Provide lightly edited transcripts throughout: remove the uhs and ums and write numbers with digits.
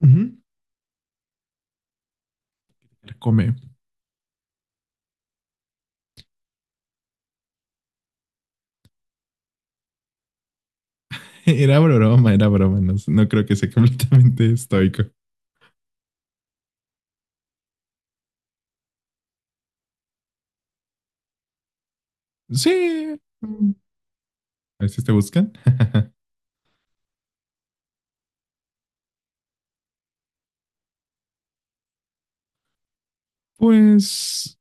Ujú. Come. Era broma, era broma. No creo que sea completamente estoico. Sí. A veces te buscan. Pues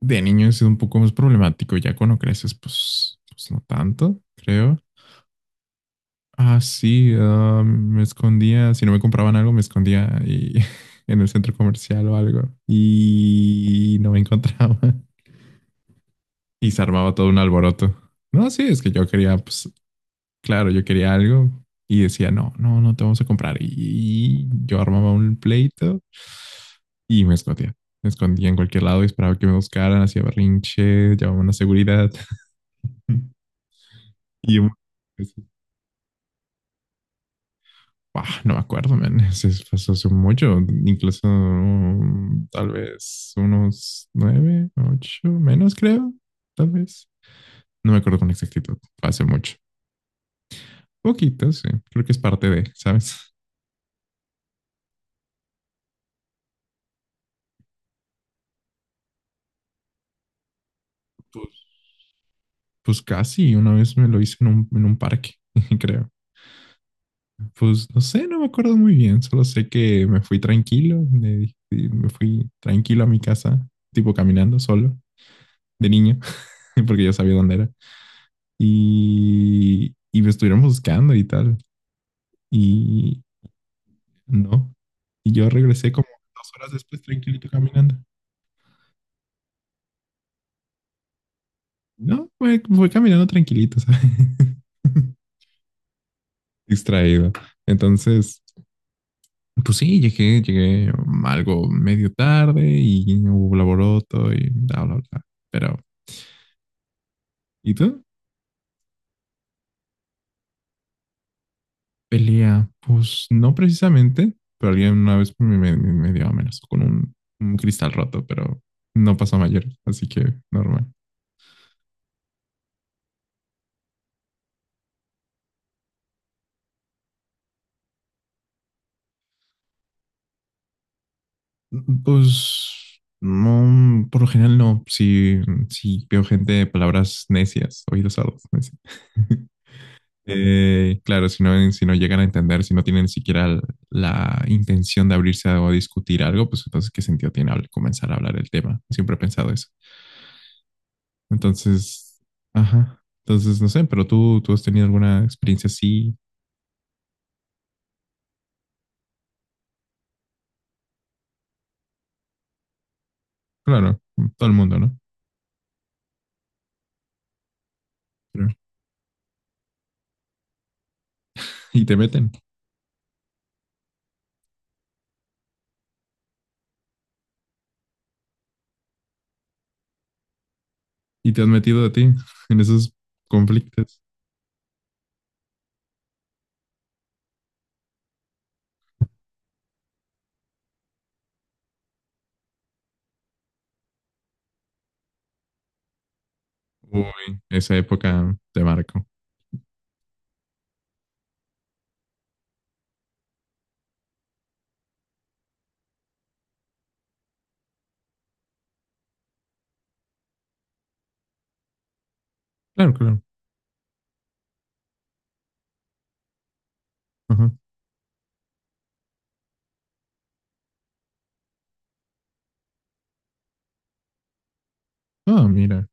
de niño es un poco más problemático. Ya cuando creces, pues no tanto, creo. Ah, sí. Me escondía. Si no me compraban algo, en el centro comercial o algo. Y no me encontraba. Y se armaba todo un alboroto. No, sí, es que yo quería, pues, claro, yo quería algo y decía, no te vamos a comprar. Y yo armaba un pleito y me escondía. Me escondía en cualquier lado y esperaba que me buscaran, hacía berrinche, llamaba a la seguridad. Y un- pues, no me acuerdo, man. Pasó hace mucho, incluso tal vez unos nueve, ocho, menos creo, tal vez. No me acuerdo con exactitud, fue hace mucho. Poquito, sí. Creo que es parte de, ¿sabes? Pues casi, una vez me lo hice en en un parque, creo. Pues no sé, no me acuerdo muy bien, solo sé que me fui tranquilo, me fui tranquilo a mi casa, tipo caminando solo, de niño, porque yo sabía dónde era. Y me estuvieron buscando y tal, y no. Y yo regresé como dos horas después tranquilito caminando. No, fue caminando tranquilito, ¿sabes? Distraído. Entonces, pues sí, llegué algo medio tarde y hubo laboroto y bla, bla, bla. Pero, ¿y tú? Pelea, pues no precisamente, pero alguien una vez me dio menos con un cristal roto, pero no pasó a mayor, así que normal. Pues no, por lo general no, si veo gente de palabras necias, oídos sordos, necios. Claro, si no llegan a entender, si no tienen ni siquiera la intención de abrirse a o discutir algo, pues entonces, ¿qué sentido tiene comenzar a hablar el tema? Siempre he pensado eso. Entonces, ajá. Entonces, no sé, pero tú has tenido alguna experiencia así. Claro, todo el mundo, ¿no? Pero- y te meten, y te han metido a ti en esos conflictos. Uy, esa época te marco. Claro, claro. Ajá. Ah, mira.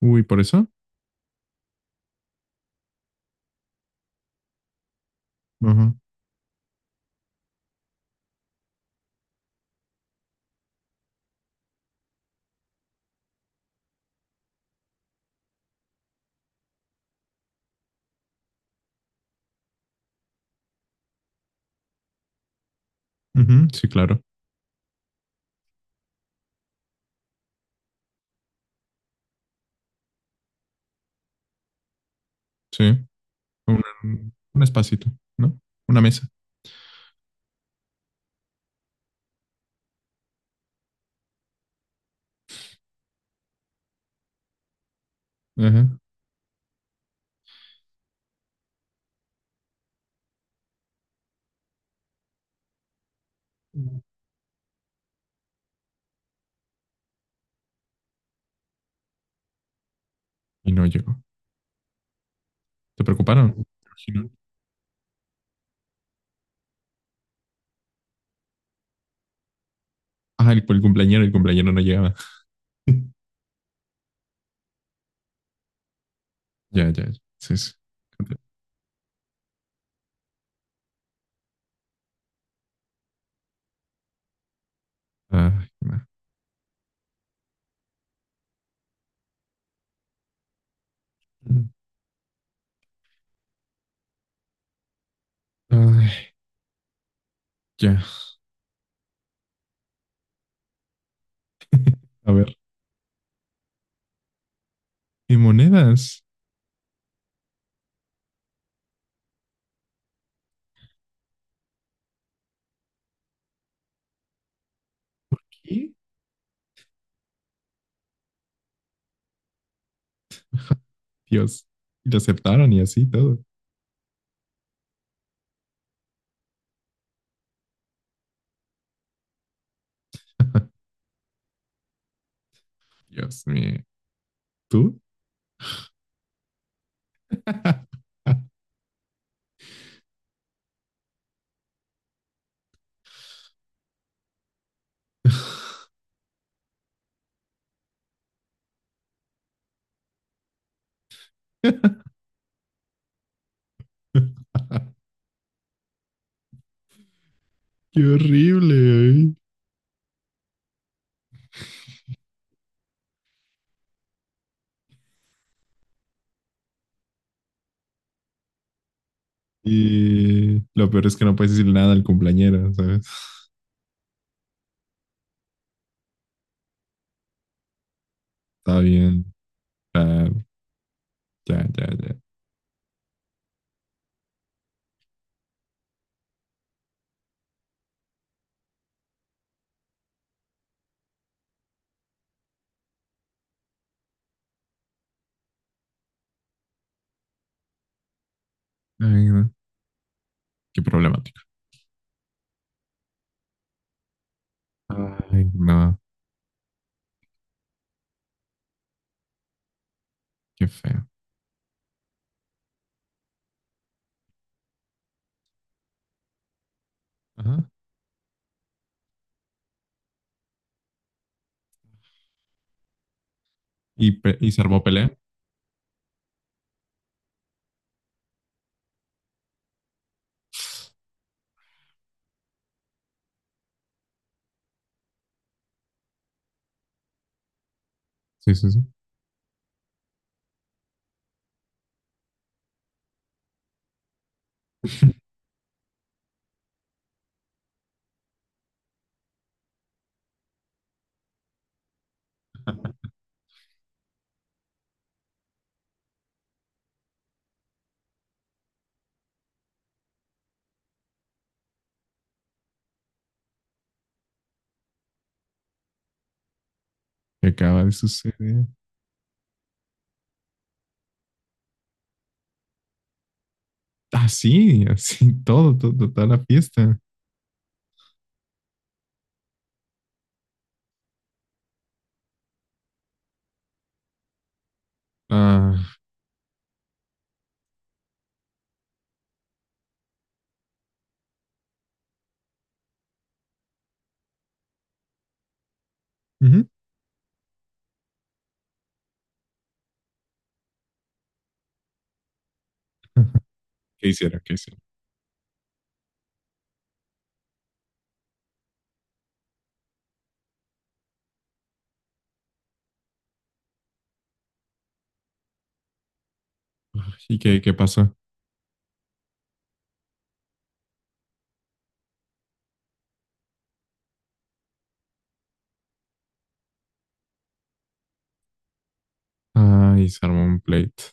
Uy, por eso. Ajá. Ujú, sí, claro. Sí. un, un espacito, ¿no? Una mesa. Ajá. Y no llegó. ¿Te preocuparon? ¿Te imagino? Ah, el cumpleañero no llegaba. Ya, ya, ya. Sí, sí. Ay, ma. Ay, ya. A ver. ¿Y monedas? ¿Qué? Dios. Y lo aceptaron y así todo. Dios mío. ¿Tú? Qué horrible. Ay. Y lo peor es que no puedes decir nada al cumpleañero, ¿sabes? Está bien. Ah, ya, ya, ya. Ay, no. Qué problemática. Ay, no, qué feo. Ajá. ¿Y, y se armó pelea? Sí, sí, sí. ¿Qué acaba de suceder? Ah, sí, así, todo, todo, toda la fiesta. Ah, ujú. Ajá. ¿Qué hicieron? ¿Qué hicieron? Ay, ¿y qué, qué pasó? Ay, se armó un pleito.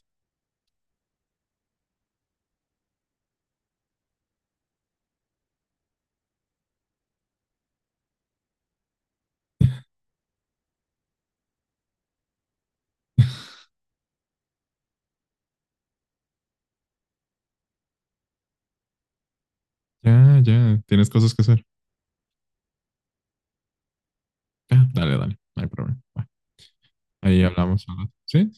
Ya, ya, tienes cosas que hacer. Ya, dale, dale, no hay problema. Va. Ahí hablamos. Al rato. ¿Sí?